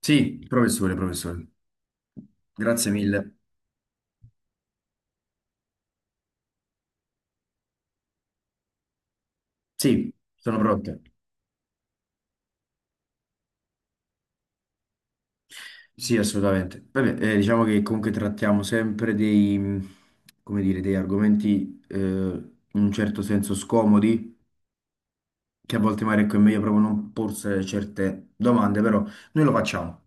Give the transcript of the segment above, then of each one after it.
Sì, professore, professore, grazie mille. Sì, sono pronte. Sì, assolutamente. Vabbè, diciamo che comunque trattiamo sempre dei argomenti in un certo senso scomodi, che a volte magari ecco, è meglio proprio non porsi certe domande, però noi lo facciamo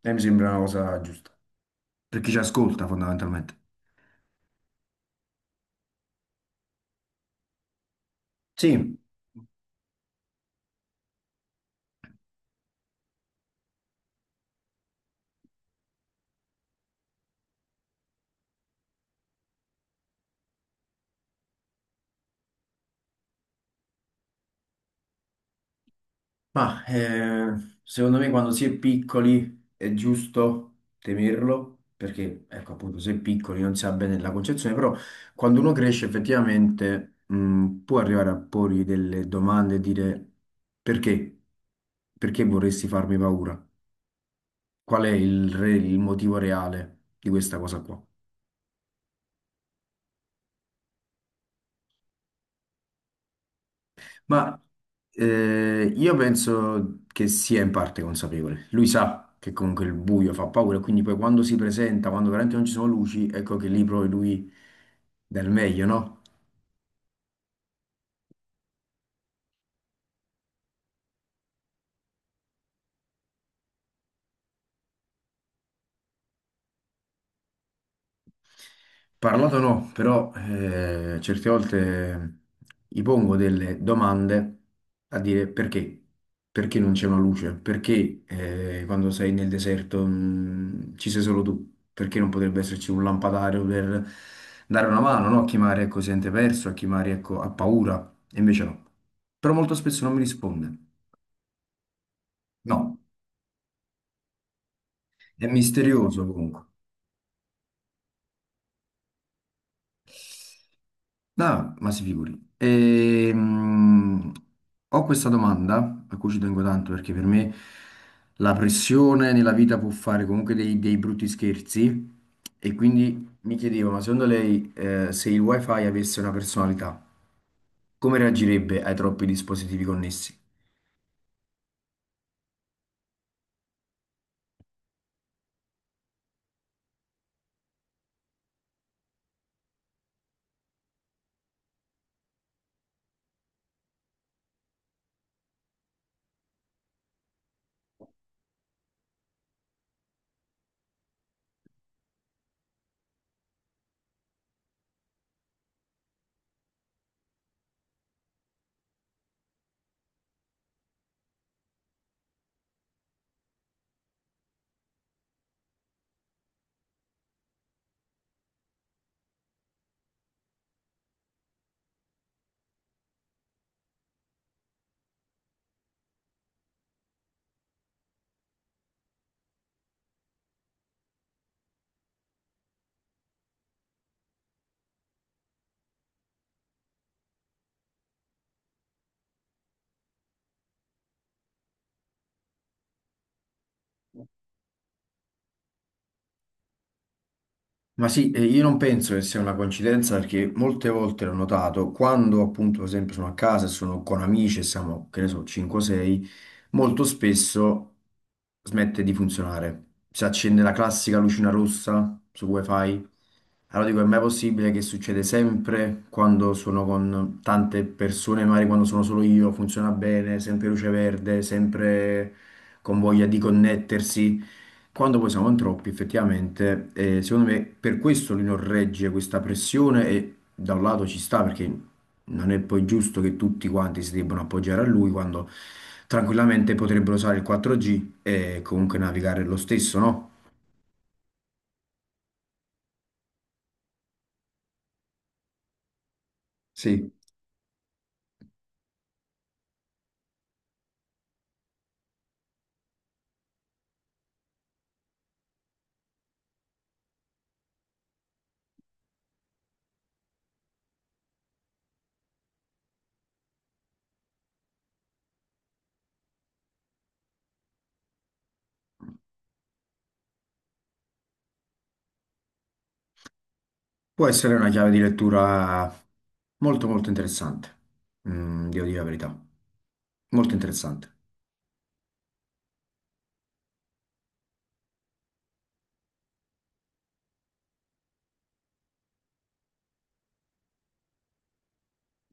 e mi sembra una cosa giusta, per chi ci ascolta fondamentalmente. Sì. Ma secondo me quando si è piccoli è giusto temerlo, perché ecco appunto se è piccoli non si ha bene la concezione, però quando uno cresce effettivamente può arrivare a porgli delle domande e dire perché? Perché vorresti farmi paura? Qual è il, re- il motivo reale di questa cosa qua? Ma io penso che sia in parte consapevole. Lui sa che comunque il buio fa paura, quindi poi quando si presenta, quando veramente non ci sono luci, ecco che lì poi lui dà il meglio, no? Parlato no, però certe volte gli pongo delle domande a dire perché, perché non c'è una luce, perché quando sei nel deserto ci sei solo tu, perché non potrebbe esserci un lampadario per dare una mano, no? A chi magari ecco, si sente perso, a chi magari ecco, ha paura, e invece no. Però molto spesso non mi risponde, no, è misterioso comunque. No, ma si figuri. Ho questa domanda a cui ci tengo tanto perché per me la pressione nella vita può fare comunque dei brutti scherzi e quindi mi chiedevo, ma secondo lei se il wifi avesse una personalità, come reagirebbe ai troppi dispositivi connessi? Ma sì, e io non penso che sia una coincidenza perché molte volte l'ho notato, quando appunto per esempio sono a casa e sono con amici e siamo, che ne so, 5-6, molto spesso smette di funzionare. Si accende la classica lucina rossa su wifi. Allora dico, è mai possibile che succede sempre quando sono con tante persone, magari quando sono solo io, funziona bene, sempre luce verde, sempre con voglia di connettersi. Quando poi siamo in troppi, effettivamente, secondo me per questo lui non regge questa pressione e da un lato ci sta perché non è poi giusto che tutti quanti si debbano appoggiare a lui quando tranquillamente potrebbero usare il 4G e comunque navigare lo stesso, no? Sì, può essere una chiave di lettura molto molto interessante, mm, devo dire la verità, molto interessante.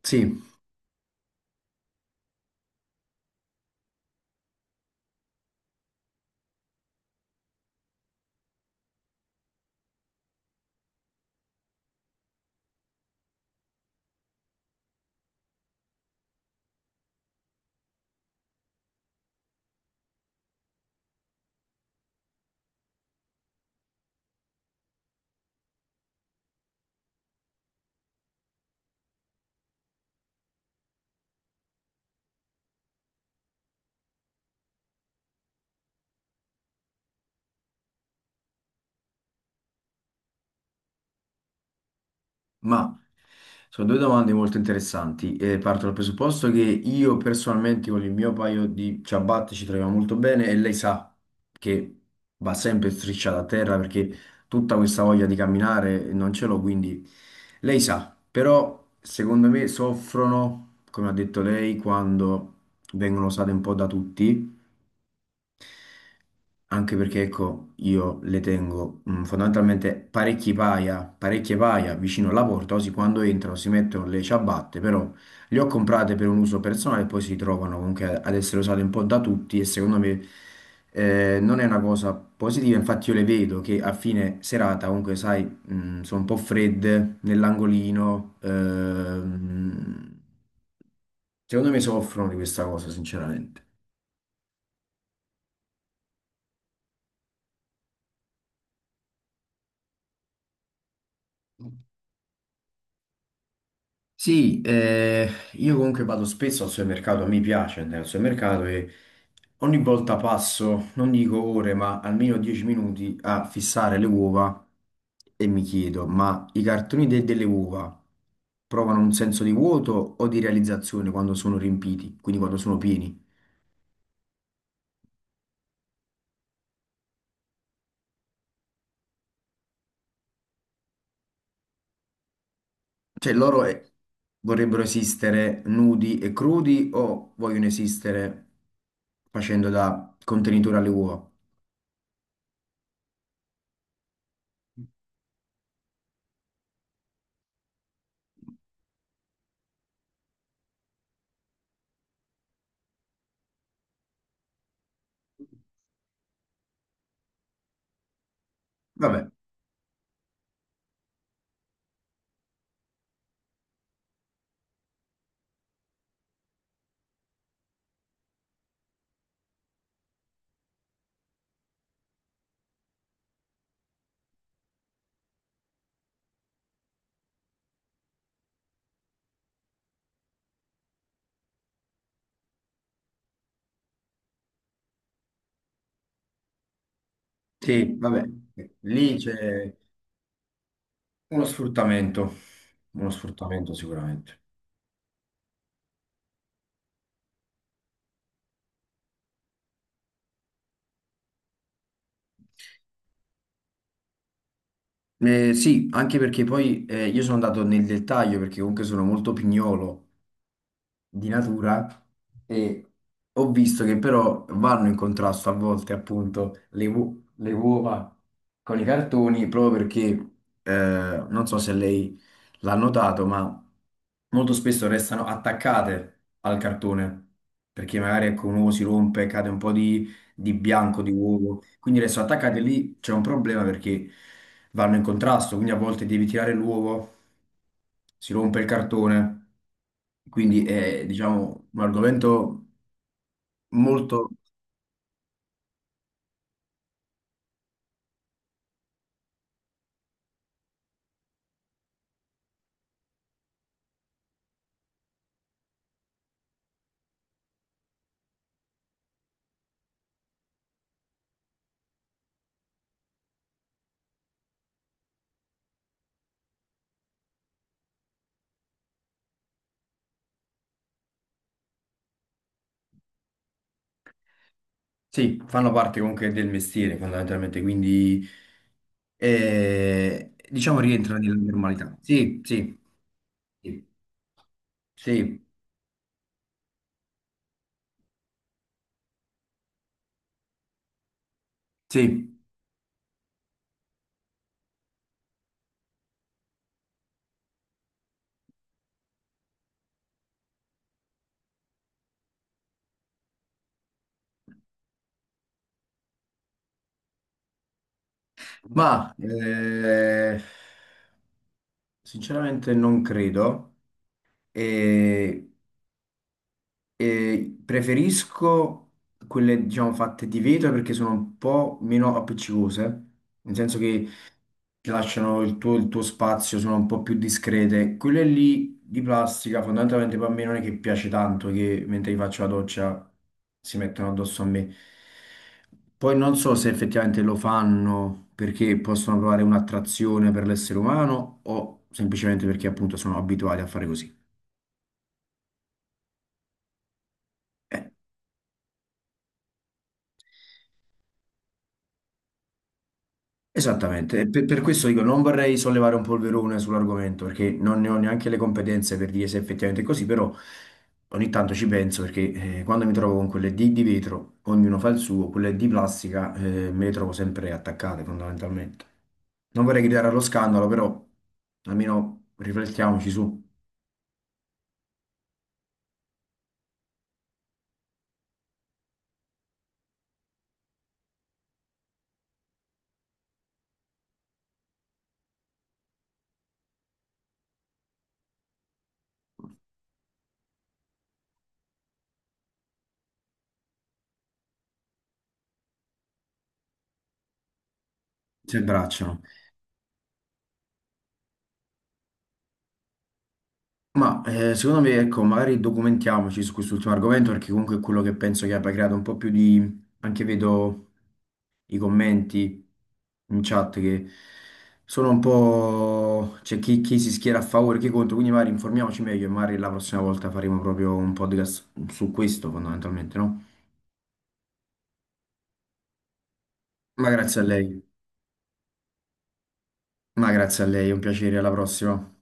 Sì. Ma sono due domande molto interessanti e parto dal presupposto che io personalmente con il mio paio di ciabatte ci troviamo molto bene e lei sa che va sempre strisciata a terra perché tutta questa voglia di camminare non ce l'ho, quindi lei sa, però secondo me soffrono, come ha detto lei, quando vengono usate un po' da tutti anche perché, ecco, io le tengo fondamentalmente parecchie paia vicino alla porta, così quando entrano si mettono le ciabatte, però le ho comprate per un uso personale e poi si trovano comunque ad essere usate un po' da tutti e secondo me non è una cosa positiva, infatti io le vedo che a fine serata comunque, sai, sono un po' fredde nell'angolino, secondo me soffrono di questa cosa, sinceramente. Sì, io comunque vado spesso al supermercato, mi piace andare al supermercato e ogni volta passo, non dico ore, ma almeno 10 minuti a fissare le uova e mi chiedo, ma delle uova provano un senso di vuoto o di realizzazione quando sono riempiti, quindi quando sono pieni? Cioè loro vorrebbero esistere nudi e crudi o vogliono esistere facendo da contenitore alle uova? Vabbè. Sì, vabbè, lì c'è uno sfruttamento, uno sfruttamento sicuramente. Sì, anche perché poi io sono andato nel dettaglio perché comunque sono molto pignolo di natura e ho visto che però vanno in contrasto a volte appunto le uova con i cartoni proprio perché non so se lei l'ha notato, ma molto spesso restano attaccate al cartone perché magari ecco, un uovo si rompe, cade di bianco di uovo, quindi restano attaccate lì c'è un problema perché vanno in contrasto, quindi a volte devi tirare l'uovo si rompe il cartone, quindi è, diciamo, un argomento molto... Sì, fanno parte comunque del mestiere fondamentalmente, quindi diciamo rientra nella normalità. Sì, sì, sì, sì, sì. Ma sinceramente non credo. E, e preferisco quelle, diciamo, fatte di vetro perché sono un po' meno appiccicose, nel senso che ti lasciano il tuo spazio, sono un po' più discrete. Quelle lì di plastica, fondamentalmente per me non è che piace tanto che mentre gli faccio la doccia si mettono addosso a me. Poi non so se effettivamente lo fanno perché possono provare un'attrazione per l'essere umano o semplicemente perché appunto sono abituati a fare così. Eh. Esattamente, e per questo dico, non vorrei sollevare un polverone sull'argomento perché non ne ho neanche le competenze per dire se effettivamente è così, però ogni tanto ci penso perché quando mi trovo con di vetro, ognuno fa il suo, quelle di plastica me le trovo sempre attaccate fondamentalmente. Non vorrei gridare allo scandalo, però almeno riflettiamoci su, si abbracciano. Ma secondo me, ecco, magari documentiamoci su quest'ultimo argomento perché comunque è quello che penso che abbia creato un po' più di, anche vedo i commenti in chat che sono un po'... c'è chi si schiera a favore, chi contro, quindi magari informiamoci meglio e magari la prossima volta faremo proprio un podcast su questo fondamentalmente, no? Ma grazie a lei, ma grazie a lei, un piacere, alla prossima.